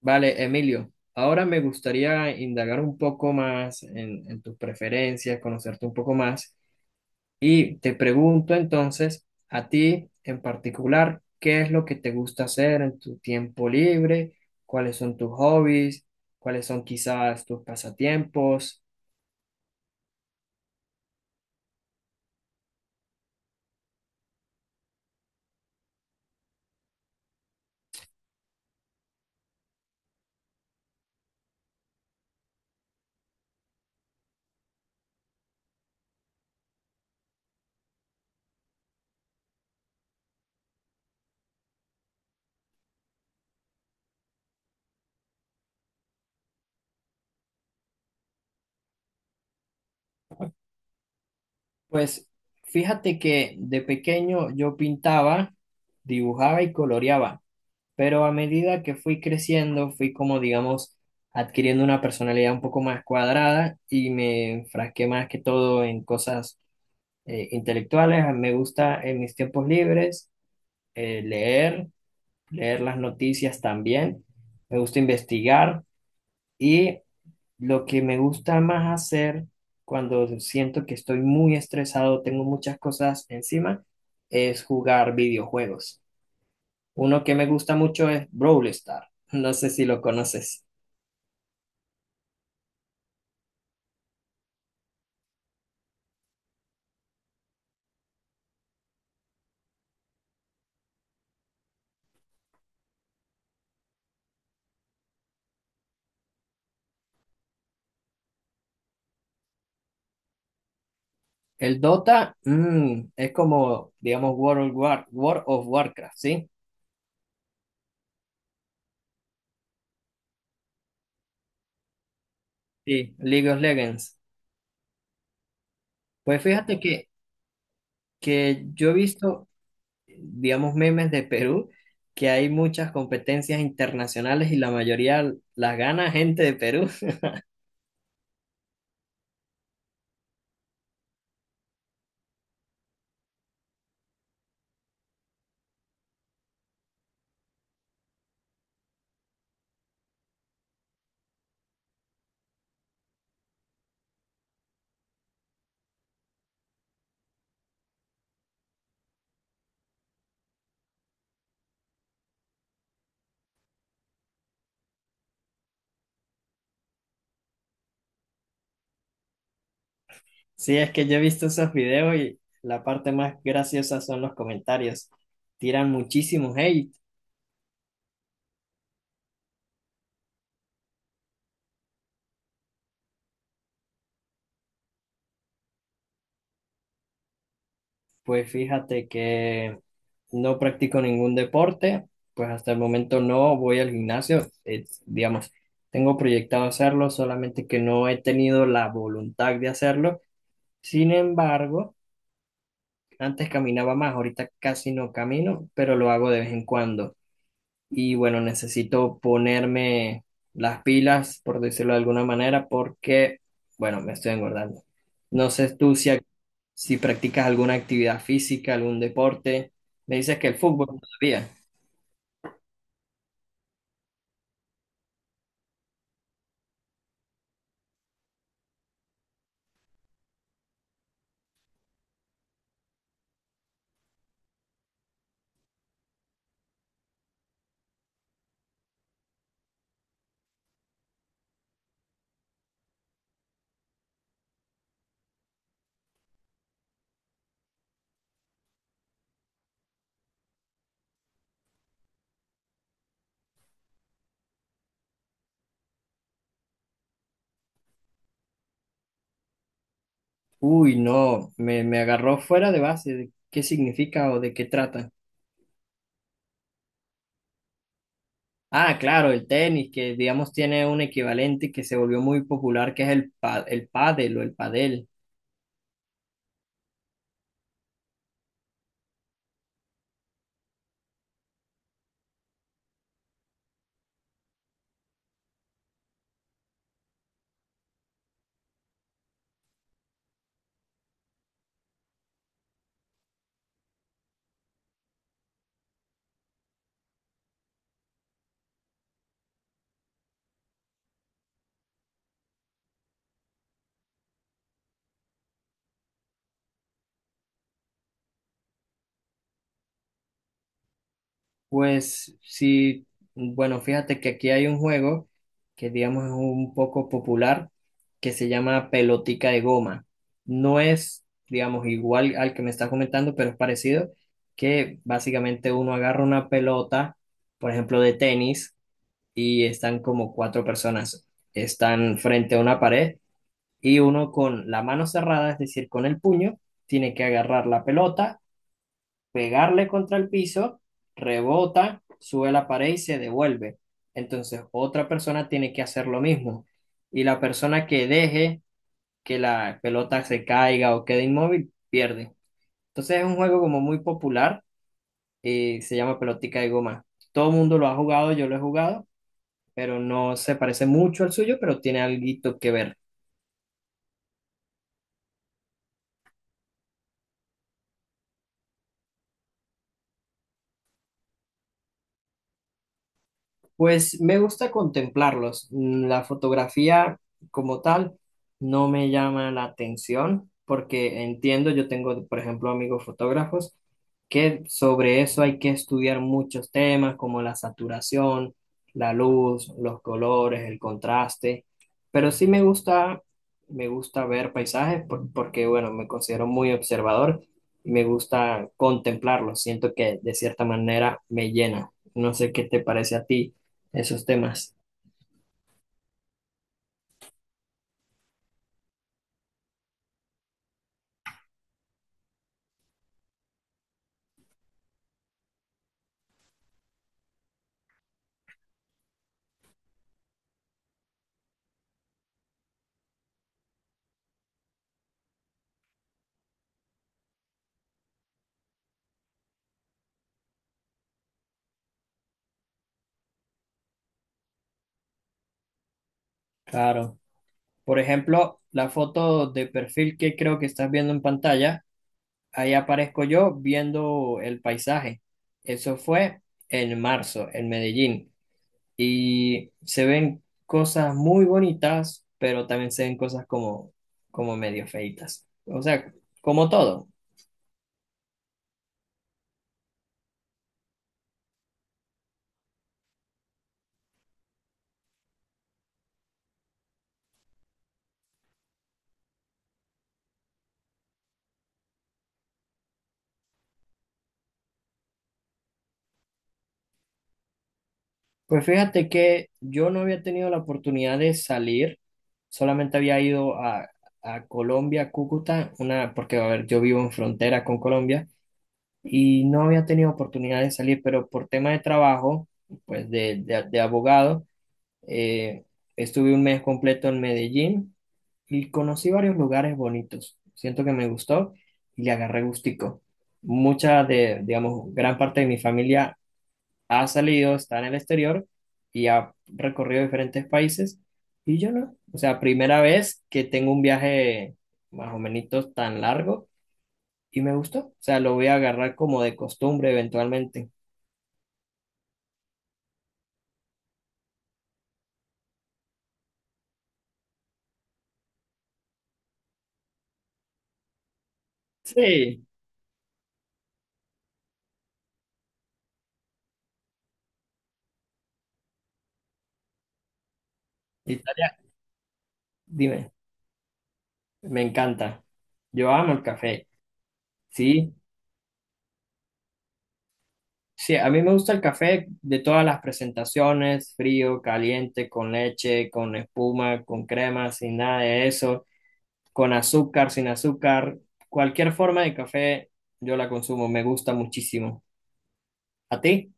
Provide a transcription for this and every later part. Vale, Emilio, ahora me gustaría indagar un poco más en tus preferencias, conocerte un poco más y te pregunto entonces a ti en particular, ¿qué es lo que te gusta hacer en tu tiempo libre? ¿Cuáles son tus hobbies? ¿Cuáles son quizás tus pasatiempos? Pues fíjate que de pequeño yo pintaba, dibujaba y coloreaba. Pero a medida que fui creciendo, fui como, digamos, adquiriendo una personalidad un poco más cuadrada y me enfrasqué más que todo en cosas intelectuales. Me gusta en mis tiempos libres leer, leer las noticias también. Me gusta investigar y lo que me gusta más hacer cuando siento que estoy muy estresado, tengo muchas cosas encima, es jugar videojuegos. Uno que me gusta mucho es Brawl Stars. No sé si lo conoces. El Dota, es como, digamos, World of Warcraft, ¿sí? Sí, League of Legends. Pues fíjate que yo he visto, digamos, memes de Perú, que hay muchas competencias internacionales y la mayoría las gana gente de Perú. Sí, es que yo he visto esos videos y la parte más graciosa son los comentarios. Tiran muchísimos hate. Pues fíjate que no practico ningún deporte, pues hasta el momento no voy al gimnasio, digamos, tengo proyectado hacerlo, solamente que no he tenido la voluntad de hacerlo. Sin embargo, antes caminaba más, ahorita casi no camino, pero lo hago de vez en cuando y bueno, necesito ponerme las pilas, por decirlo de alguna manera, porque, bueno, me estoy engordando. No sé tú si practicas alguna actividad física, algún deporte. Me dices que el fútbol todavía. Uy, no, me agarró fuera de base. ¿Qué significa o de qué trata? Ah, claro, el tenis, que digamos tiene un equivalente que se volvió muy popular, que es el pádel o el padel. Pues sí, bueno, fíjate que aquí hay un juego que digamos es un poco popular que se llama pelotica de goma. No es, digamos, igual al que me estás comentando, pero es parecido, que básicamente uno agarra una pelota, por ejemplo, de tenis, y están como cuatro personas, están frente a una pared y uno con la mano cerrada, es decir, con el puño, tiene que agarrar la pelota pegarle contra el piso, rebota, sube la pared y se devuelve. Entonces, otra persona tiene que hacer lo mismo. Y la persona que deje que la pelota se caiga o quede inmóvil, pierde. Entonces, es un juego como muy popular y se llama pelotica de goma. Todo el mundo lo ha jugado, yo lo he jugado, pero no se parece mucho al suyo, pero tiene algo que ver. Pues me gusta contemplarlos. La fotografía como tal no me llama la atención porque entiendo, yo tengo, por ejemplo, amigos fotógrafos que sobre eso hay que estudiar muchos temas como la saturación, la luz, los colores, el contraste, pero sí me gusta ver paisajes porque, bueno, me considero muy observador y me gusta contemplarlos. Siento que de cierta manera me llena. No sé qué te parece a ti esos temas. Claro. Por ejemplo, la foto de perfil que creo que estás viendo en pantalla, ahí aparezco yo viendo el paisaje. Eso fue en marzo, en Medellín. Y se ven cosas muy bonitas, pero también se ven cosas como medio feitas. O sea, como todo. Pues fíjate que yo no había tenido la oportunidad de salir, solamente había ido a Colombia, Cúcuta, una, porque a ver, yo vivo en frontera con Colombia y no había tenido oportunidad de salir, pero por tema de trabajo, pues de abogado, eh, estuve un mes completo en Medellín y conocí varios lugares bonitos. Siento que me gustó y le agarré gustico. Mucha de, digamos, gran parte de mi familia ha salido, está en el exterior y ha recorrido diferentes países y yo no. O sea, primera vez que tengo un viaje más o menos tan largo y me gustó. O sea, lo voy a agarrar como de costumbre eventualmente. Sí, Italia, dime, me encanta. Yo amo el café. Sí, sí, a mí me gusta el café de todas las presentaciones, frío, caliente, con leche, con espuma, con crema, sin nada de eso, con azúcar, sin azúcar, cualquier forma de café yo la consumo, me gusta muchísimo. ¿A ti?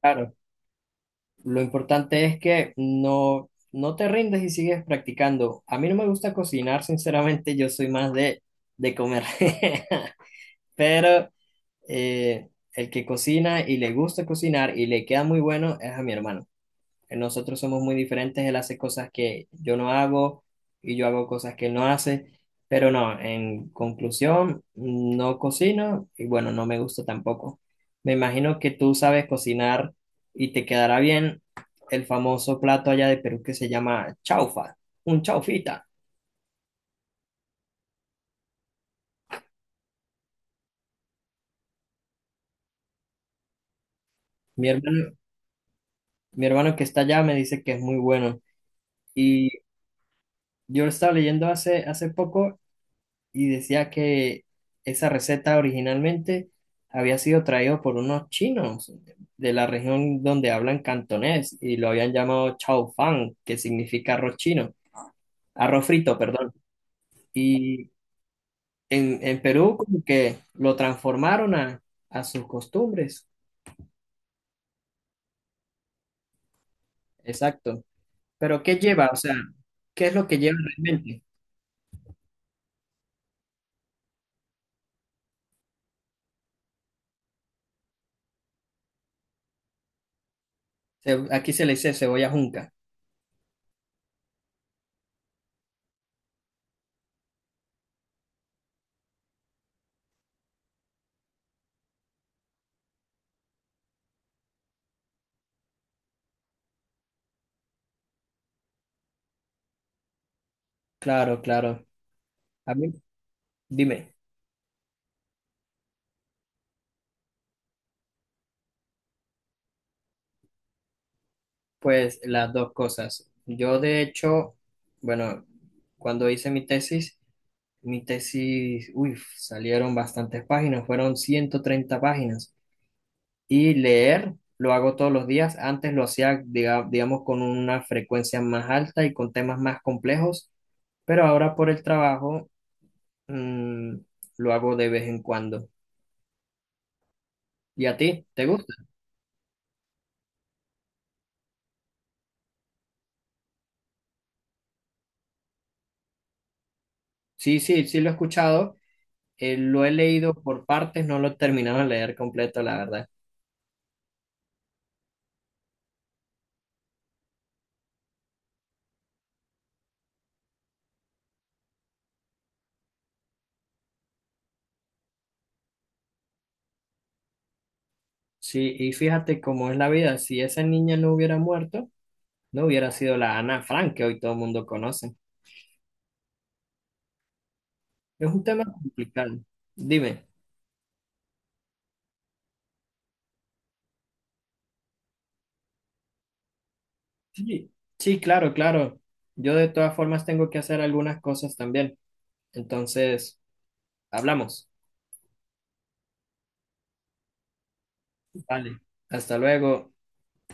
Claro. Lo importante es que no, no te rindes y sigues practicando. A mí no me gusta cocinar, sinceramente, yo soy más de comer. Pero eh, el que cocina y le gusta cocinar y le queda muy bueno es a mi hermano. Nosotros somos muy diferentes, él hace cosas que yo no hago y yo hago cosas que él no hace, pero no, en conclusión, no cocino y bueno, no me gusta tampoco. Me imagino que tú sabes cocinar y te quedará bien el famoso plato allá de Perú que se llama chaufa, un chaufita. Mi hermano, mi hermano que está allá me dice que es muy bueno. Yo lo estaba leyendo hace poco y decía que esa receta originalmente había sido traído por unos chinos de la región donde hablan cantonés y lo habían llamado chao fan, que significa arroz chino, arroz frito, perdón. Y en Perú como que lo transformaron a sus costumbres. Exacto. Pero ¿qué lleva? O sea, ¿qué es lo que lleva realmente? Aquí se le dice cebolla junca. Claro, claro. A mí, dime. Pues las dos cosas. Yo de hecho, bueno, cuando hice mi tesis, uy, salieron bastantes páginas, fueron 130 páginas. Y leer lo hago todos los días. Antes lo hacía, digamos, con una frecuencia más alta y con temas más complejos, pero ahora por el trabajo, mm, lo hago de vez en cuando. ¿Y a ti? ¿Te gusta? Sí, sí, sí lo he escuchado. Lo he leído por partes, no lo he terminado de leer completo, la verdad. Sí, y fíjate cómo es la vida. Si esa niña no hubiera muerto, no hubiera sido la Ana Frank que hoy todo el mundo conoce. Es un tema complicado. Dime. Sí, sí, claro, claro. Yo de todas formas tengo que hacer algunas cosas también. Entonces, hablamos. Vale. Hasta luego.